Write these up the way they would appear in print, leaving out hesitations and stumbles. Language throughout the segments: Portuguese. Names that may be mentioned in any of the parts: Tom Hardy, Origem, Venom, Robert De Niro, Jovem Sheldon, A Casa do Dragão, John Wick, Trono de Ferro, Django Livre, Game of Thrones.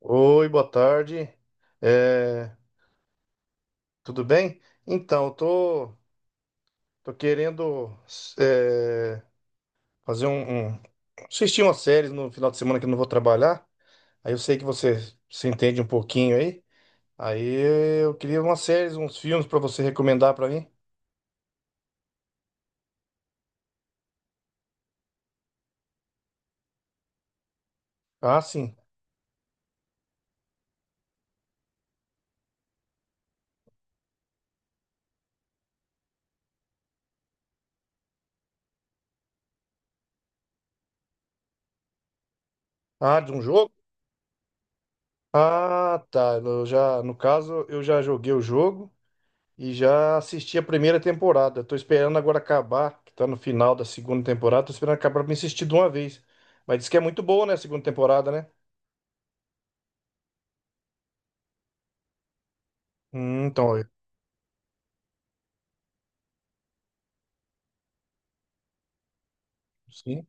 Oi, boa tarde. É, Tudo bem? Então, eu tô querendo é, fazer assistir umas séries no final de semana que eu não vou trabalhar. Aí eu sei que você se entende um pouquinho aí. Aí eu queria umas séries, uns filmes para você recomendar para mim. Ah, sim. Ah, de um jogo? Ah, tá. No caso, eu já joguei o jogo. E já assisti a primeira temporada. Tô esperando agora acabar, que tá no final da segunda temporada. Tô esperando acabar pra me assistir de uma vez. Mas diz que é muito boa, né, a segunda temporada, né? Hum, então, eu- sim.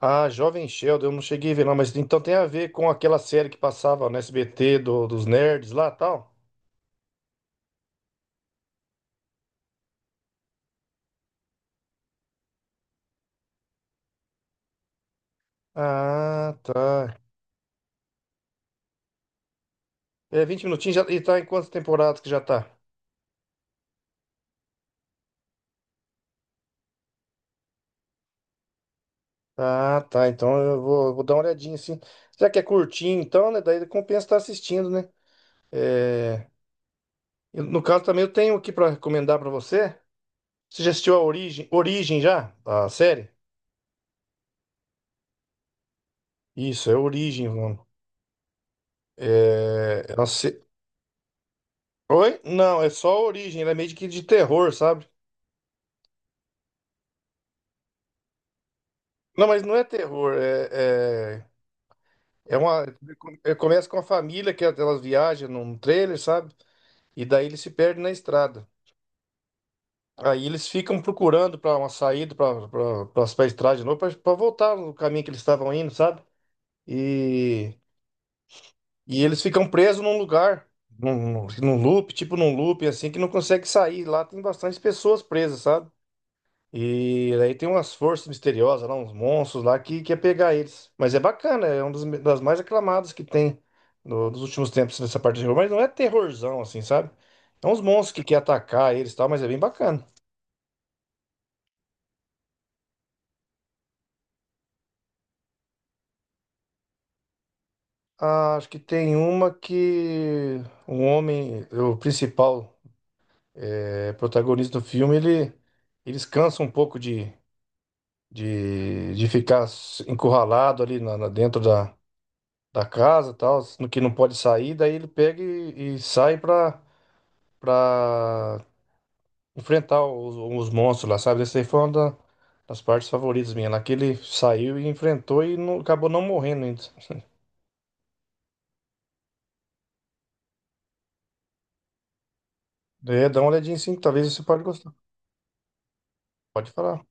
Ah, Jovem Sheldon, eu não cheguei a ver, não, mas então tem a ver com aquela série que passava no SBT dos nerds lá tal. Ah, tá. É 20 minutinhos já, e tá em quantas temporadas que já tá? Ah, tá. Então eu vou dar uma olhadinha assim. Já que é curtinho, então, né? Daí compensa estar assistindo, né? É. E, no caso, também eu tenho aqui para recomendar para você. Você já assistiu a Origem? Origem já? A série? Isso, é Origem, mano. É... é uma se- Oi? Não, é só Origem. Ela é meio que de terror, sabe? Não, mas não é terror. É uma... Começa com a família que elas viajam num trailer, sabe? E daí eles se perdem na estrada. Aí eles ficam procurando para uma saída para estrada de novo, para voltar no caminho que eles estavam indo, sabe? E. E eles ficam presos num lugar, num loop, tipo num loop, assim, que não consegue sair. Lá tem bastante pessoas presas, sabe? E aí tem umas forças misteriosas lá, uns monstros lá que quer pegar eles. Mas é bacana, é uma das mais aclamadas que tem nos últimos tempos nessa parte de terror. Mas não é terrorzão, assim, sabe? É uns monstros que quer atacar eles e tal, mas é bem bacana. Ah, acho que tem uma que um homem, o principal, protagonista do filme, ele, eles cansam um pouco de ficar encurralado ali dentro da, da casa, tal, no que não pode sair, daí ele pega e sai pra para enfrentar os monstros lá, sabe? Essa aí foi uma das partes favoritas minha, lá que ele saiu e enfrentou e não, acabou não morrendo ainda. É, dá uma olhadinha sim, que talvez você pode gostar. Pode falar.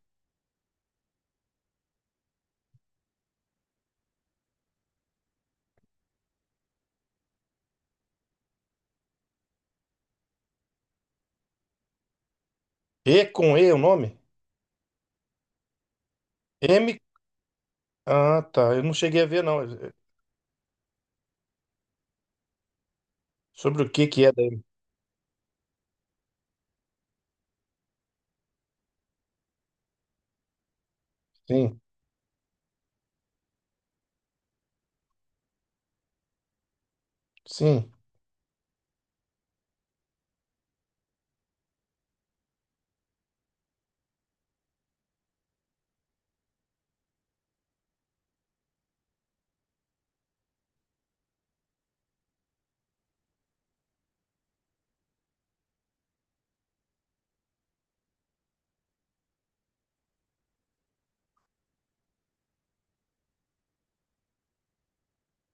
E com E o nome? M. Ah, tá. Eu não cheguei a ver, não. Sobre o que que é da M. Sim, sim,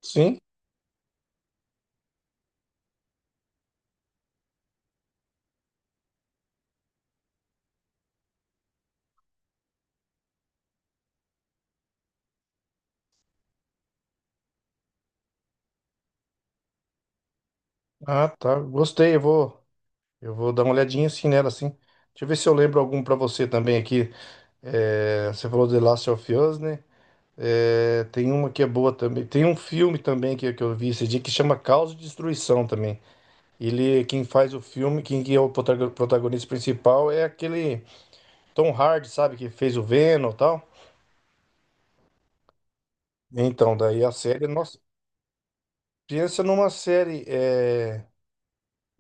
sim. Ah, tá. Gostei, eu vou. Eu vou dar uma olhadinha assim nela, assim. Deixa eu ver se eu lembro algum pra você também aqui. É, você falou de Last of Us, né? É, tem uma que é boa também. Tem um filme também que eu vi esse dia que chama Caos e Destruição também. Ele, quem faz o filme, quem que é o protagonista principal é aquele Tom Hardy, sabe? Que fez o Venom e tal. Então, daí a série, nossa, pensa numa série é,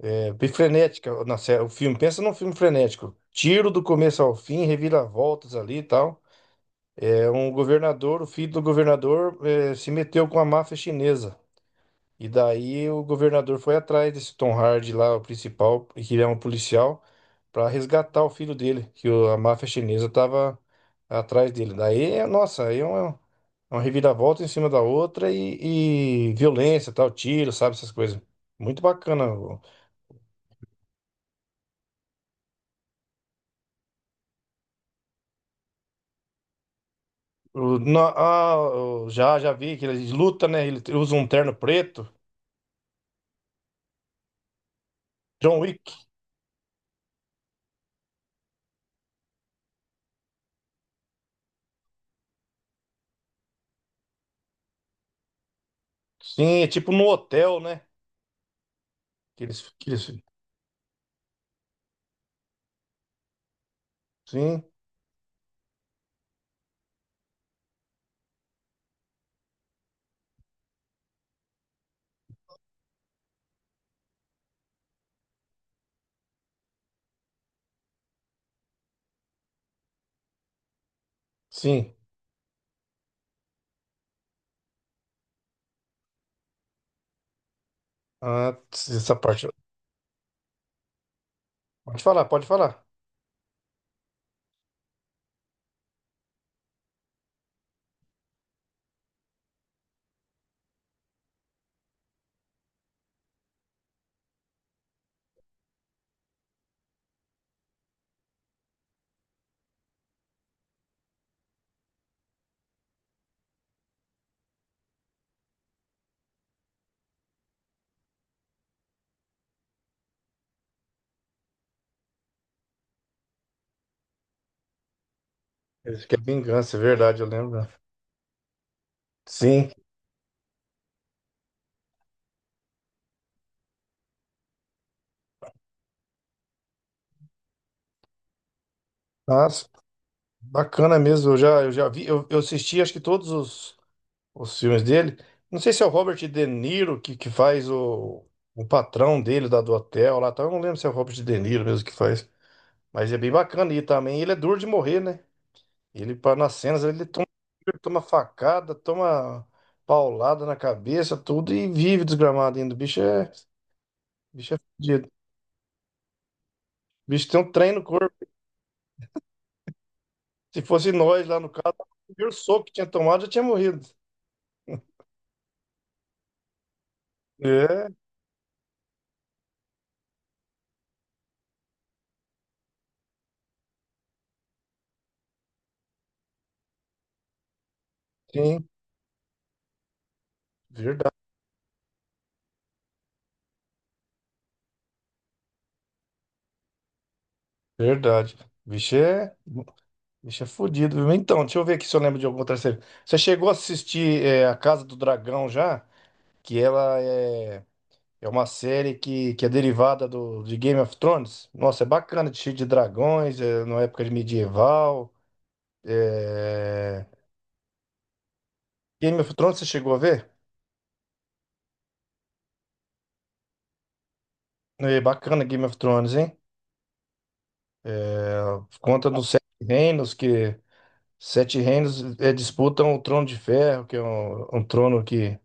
é, bem frenética, na série, o filme, pensa num filme frenético. Tiro do começo ao fim, reviravoltas ali e tal. É um governador, o filho do governador se meteu com a máfia chinesa. E daí o governador foi atrás desse Tom Hardy lá, o principal, que ele é um policial, para resgatar o filho dele, que a máfia chinesa tava atrás dele. Daí, nossa, aí é uma reviravolta em cima da outra e violência, tal, tiro, sabe, essas coisas. Muito bacana. Já, já vi que ele luta, né? Ele usa um terno preto. John Wick. Sim, é tipo no hotel, né? Que eles, que eles, sim, sim. Antes dessa parte. Pode falar, pode falar. Eles querem vingança, é verdade, eu lembro. Sim. Nossa, bacana mesmo. Eu já vi, eu assisti acho que todos os filmes dele. Não sei se é o Robert De Niro que faz o patrão dele da, do hotel lá, tal. Eu não lembro se é o Robert De Niro mesmo que faz. Mas é bem bacana. E também ele é duro de morrer, né? Ele, nas cenas, ele toma, tiro, toma facada, toma paulada na cabeça, tudo, e vive desgramado ainda. O bicho é fudido. O bicho tem um trem no corpo. Se fosse nós lá no caso, o primeiro soco que tinha tomado já tinha morrido. É, sim, verdade, verdade. O bicho é fudido. Viu? Então, deixa eu ver aqui se eu lembro de alguma outra série. Você chegou a assistir A Casa do Dragão já? Que ela é. É uma série que é derivada de Game of Thrones. Nossa, é bacana, cheio de dragões, é, na época de medieval. É... Game of Thrones, você chegou a ver? É bacana Game of Thrones, hein? Conta dos Sete Reinos, que Sete Reinos é, disputam o Trono de Ferro, que é um, um trono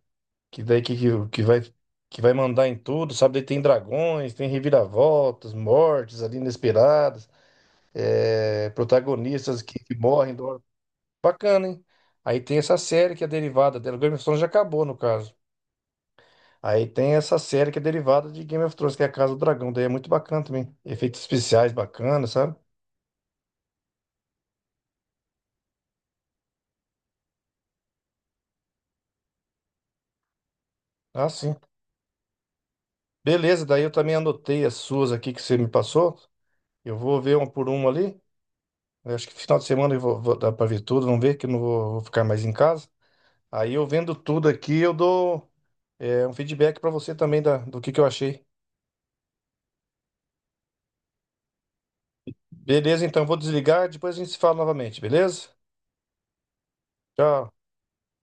que, daí, que vai mandar em tudo, sabe? Daí tem dragões, tem reviravoltas, mortes ali inesperadas, é, protagonistas que morrem do Bacana, hein? Aí tem essa série que é derivada dela. Game of Thrones já acabou, no caso. Aí tem essa série que é derivada de Game of Thrones, que é a Casa do Dragão. Daí é muito bacana também. Efeitos especiais bacanas, sabe? Ah, sim. Beleza, daí eu também anotei as suas aqui que você me passou. Eu vou ver uma por uma ali. Eu acho que final de semana eu vou dar pra ver tudo. Vamos ver que eu não vou ficar mais em casa. Aí eu vendo tudo aqui, eu dou um feedback pra você também da, do que eu achei. Beleza, então eu vou desligar. Depois a gente se fala novamente, beleza? Tchau.